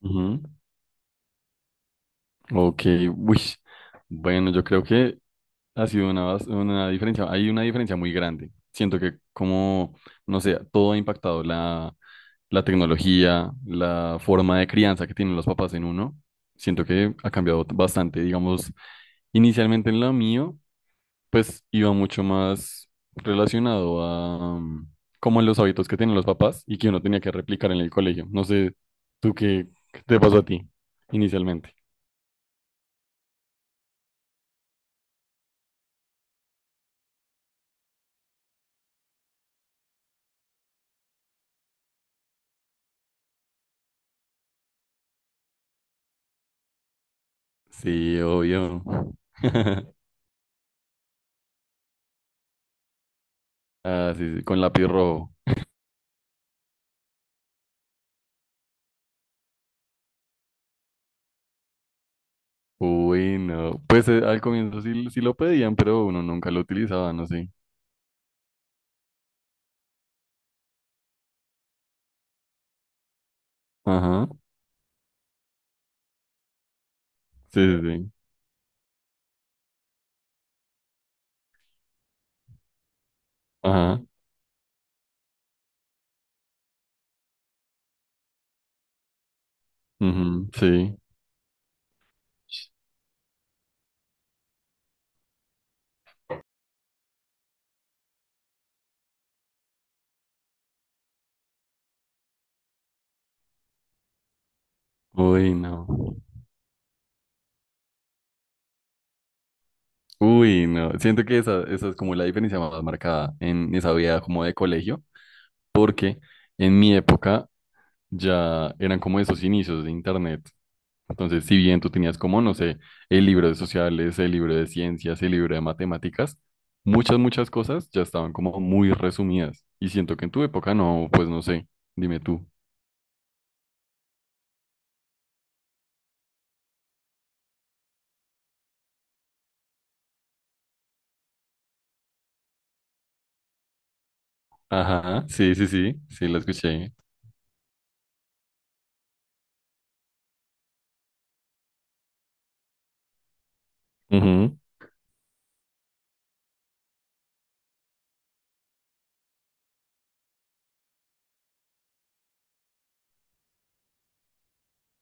Ujú. Ok. Uy, bueno, yo creo que ha sido una diferencia, hay una diferencia muy grande. Siento que no sé, todo ha impactado la tecnología, la forma de crianza que tienen los papás en uno. Siento que ha cambiado bastante, digamos, inicialmente en lo mío, pues iba mucho más relacionado a como los hábitos que tienen los papás y que uno tenía que replicar en el colegio. No sé, tú qué te pasó a ti inicialmente. Sí, obvio. Ah, sí, sí, con lápiz rojo. Uy, no. Pues al comienzo sí, sí lo pedían, pero uno nunca lo utilizaba, no sé. Ajá. Sí, sí, sí. Ajá. Ujú. Sí. Uy, no. Uy, no. Siento que esa es como la diferencia más marcada en esa vida como de colegio, porque en mi época ya eran como esos inicios de internet. Entonces, si bien tú tenías como, no sé, el libro de sociales, el libro de ciencias, el libro de matemáticas, muchas cosas ya estaban como muy resumidas. Y siento que en tu época no, pues no sé, dime tú. Ajá, sí, sí, sí, sí, la escuché. Ujú.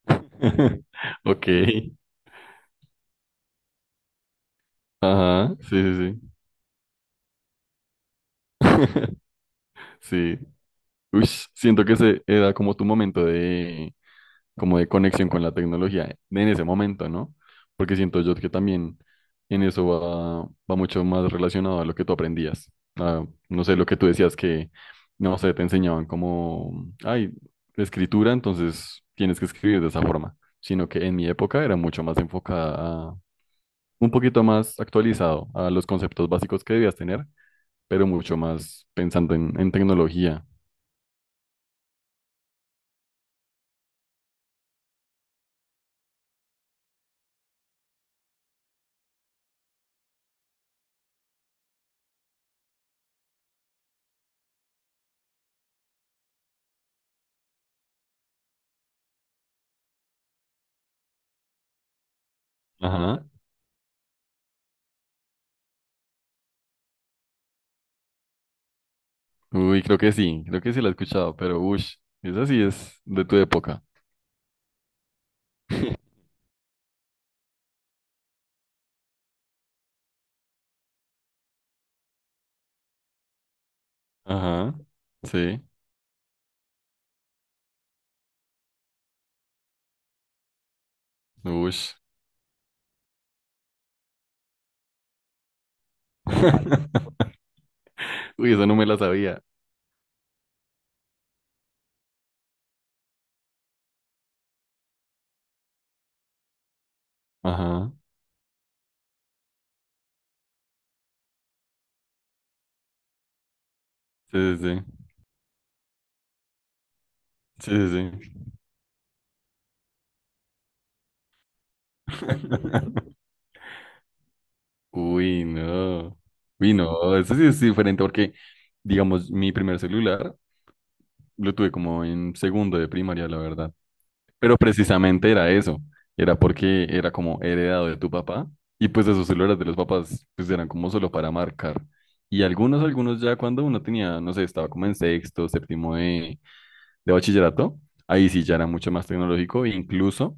Ok, ajá, sí, sí, sí. Sí. Ush, siento que ese era como tu momento de, como de conexión con la tecnología en ese momento, ¿no? Porque siento yo que también en eso va mucho más relacionado a lo que tú aprendías. A, no sé, lo que tú decías que, no sé, te enseñaban como, ay, escritura, entonces tienes que escribir de esa forma, sino que en mi época era mucho más enfocada a, un poquito más actualizado a los conceptos básicos que debías tener, pero mucho más pensando en tecnología. Ajá. Uy, creo que sí la he escuchado, pero ush, esa sí es de tu época. Ajá, sí, ush. Uy, esa no me la sabía. Ajá, sí, sí, sí, sí, sí. Sí. Uy, no. Uy, no, eso sí es diferente porque, digamos, mi primer celular lo tuve como en segundo de primaria, la verdad. Pero precisamente era eso, era porque era como heredado de tu papá y pues esos celulares de los papás pues eran como solo para marcar. Y algunos, algunos ya cuando uno tenía, no sé, estaba como en sexto, séptimo de bachillerato, ahí sí ya era mucho más tecnológico e incluso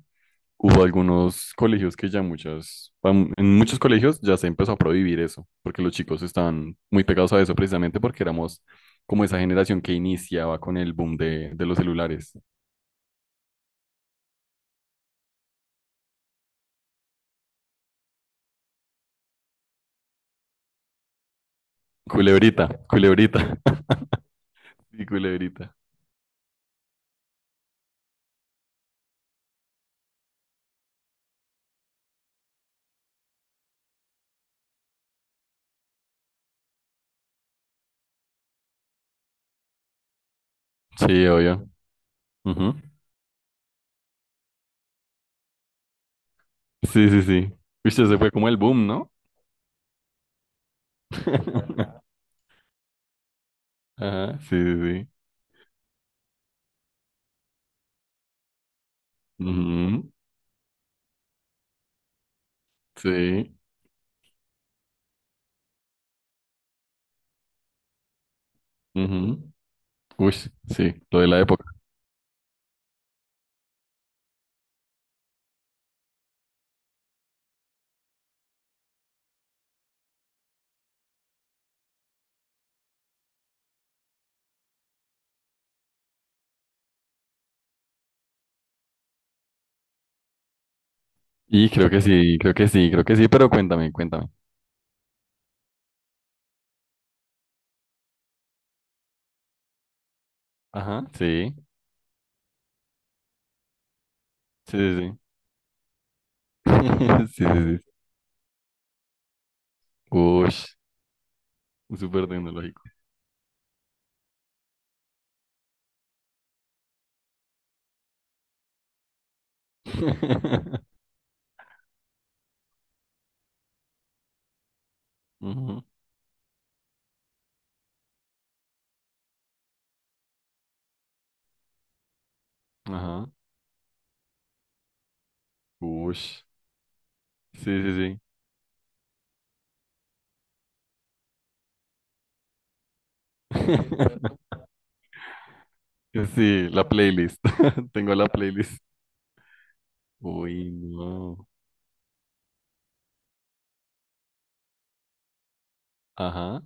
hubo algunos colegios que ya muchas, pam- en muchos colegios ya se empezó a prohibir eso, porque los chicos estaban muy pegados a eso precisamente porque éramos como esa generación que iniciaba con el boom de los celulares. Culebrita, culebrita. Y culebrita. Sí, obvio. Ujú. Sí, sí, sí. Viste, se fue como el boom, ¿no? Ajá, sí, sí, sí. Ujú. Sí. Ujú. Uy, sí, lo de la época. Y creo que sí, creo que sí, creo que sí, pero cuéntame, cuéntame. Ajá, sí, sí, sí, sí. Sí, sí, sí. Uy, súper tecnológico. Ujú. Ajá. Uy, sí, sí, sí. Sí, la playlist. Tengo la playlist. Uy, no. Ajá.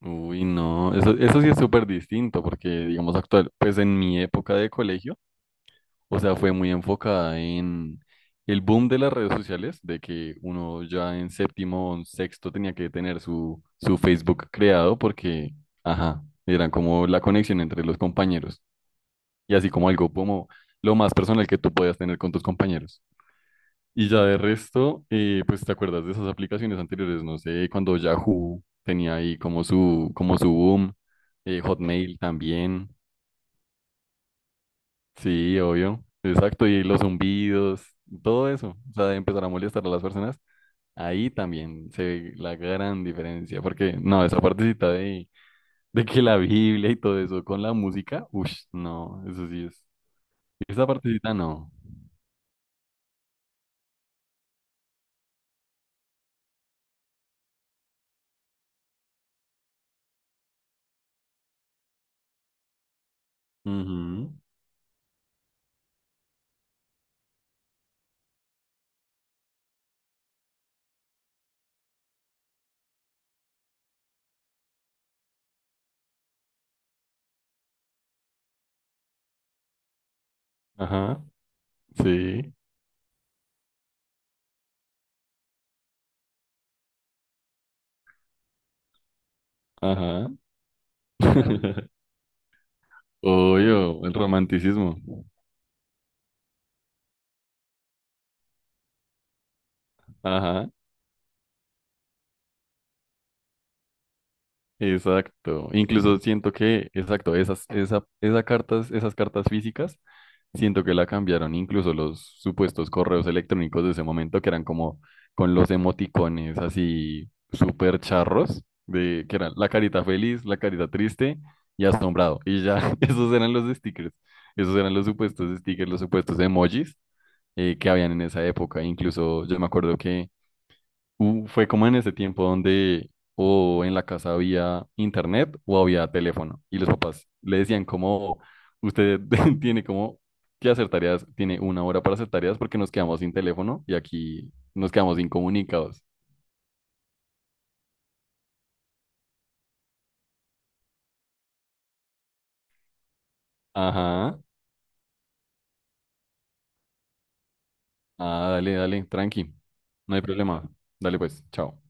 Uy, no, eso sí es súper distinto porque, digamos, actual, pues en mi época de colegio, o sea, fue muy enfocada en el boom de las redes sociales, de que uno ya en séptimo o en sexto tenía que tener su Facebook creado porque, ajá, eran como la conexión entre los compañeros y así como algo como lo más personal que tú podías tener con tus compañeros. Y ya de resto, pues te acuerdas de esas aplicaciones anteriores, no sé, cuando Yahoo tenía ahí como su boom, Hotmail también, sí, obvio, exacto, y los zumbidos, todo eso, o sea, de empezar a molestar a las personas, ahí también se ve la gran diferencia, porque no, esa partecita de que la Biblia y todo eso con la música, uff, no, eso sí es, esa partecita no. Ujú. Ajá, sí, ajá. Obvio, el romanticismo. Ajá, exacto. Incluso siento que, exacto, esas, esa cartas, esas cartas físicas, siento que la cambiaron incluso los supuestos correos electrónicos de ese momento, que eran como con los emoticones así súper charros, de, que eran la carita feliz, la carita triste y asombrado. Y ya, esos eran los stickers. Esos eran los supuestos stickers, los supuestos emojis que habían en esa época. Incluso yo me acuerdo que u- fue como en ese tiempo donde o en la casa había internet o había teléfono y los papás le decían como usted tiene como que hacer tareas, tiene una hora para hacer tareas porque nos quedamos sin teléfono y aquí nos quedamos incomunicados. Ajá. Ah, dale, dale, tranqui. No hay problema. Dale pues, chao.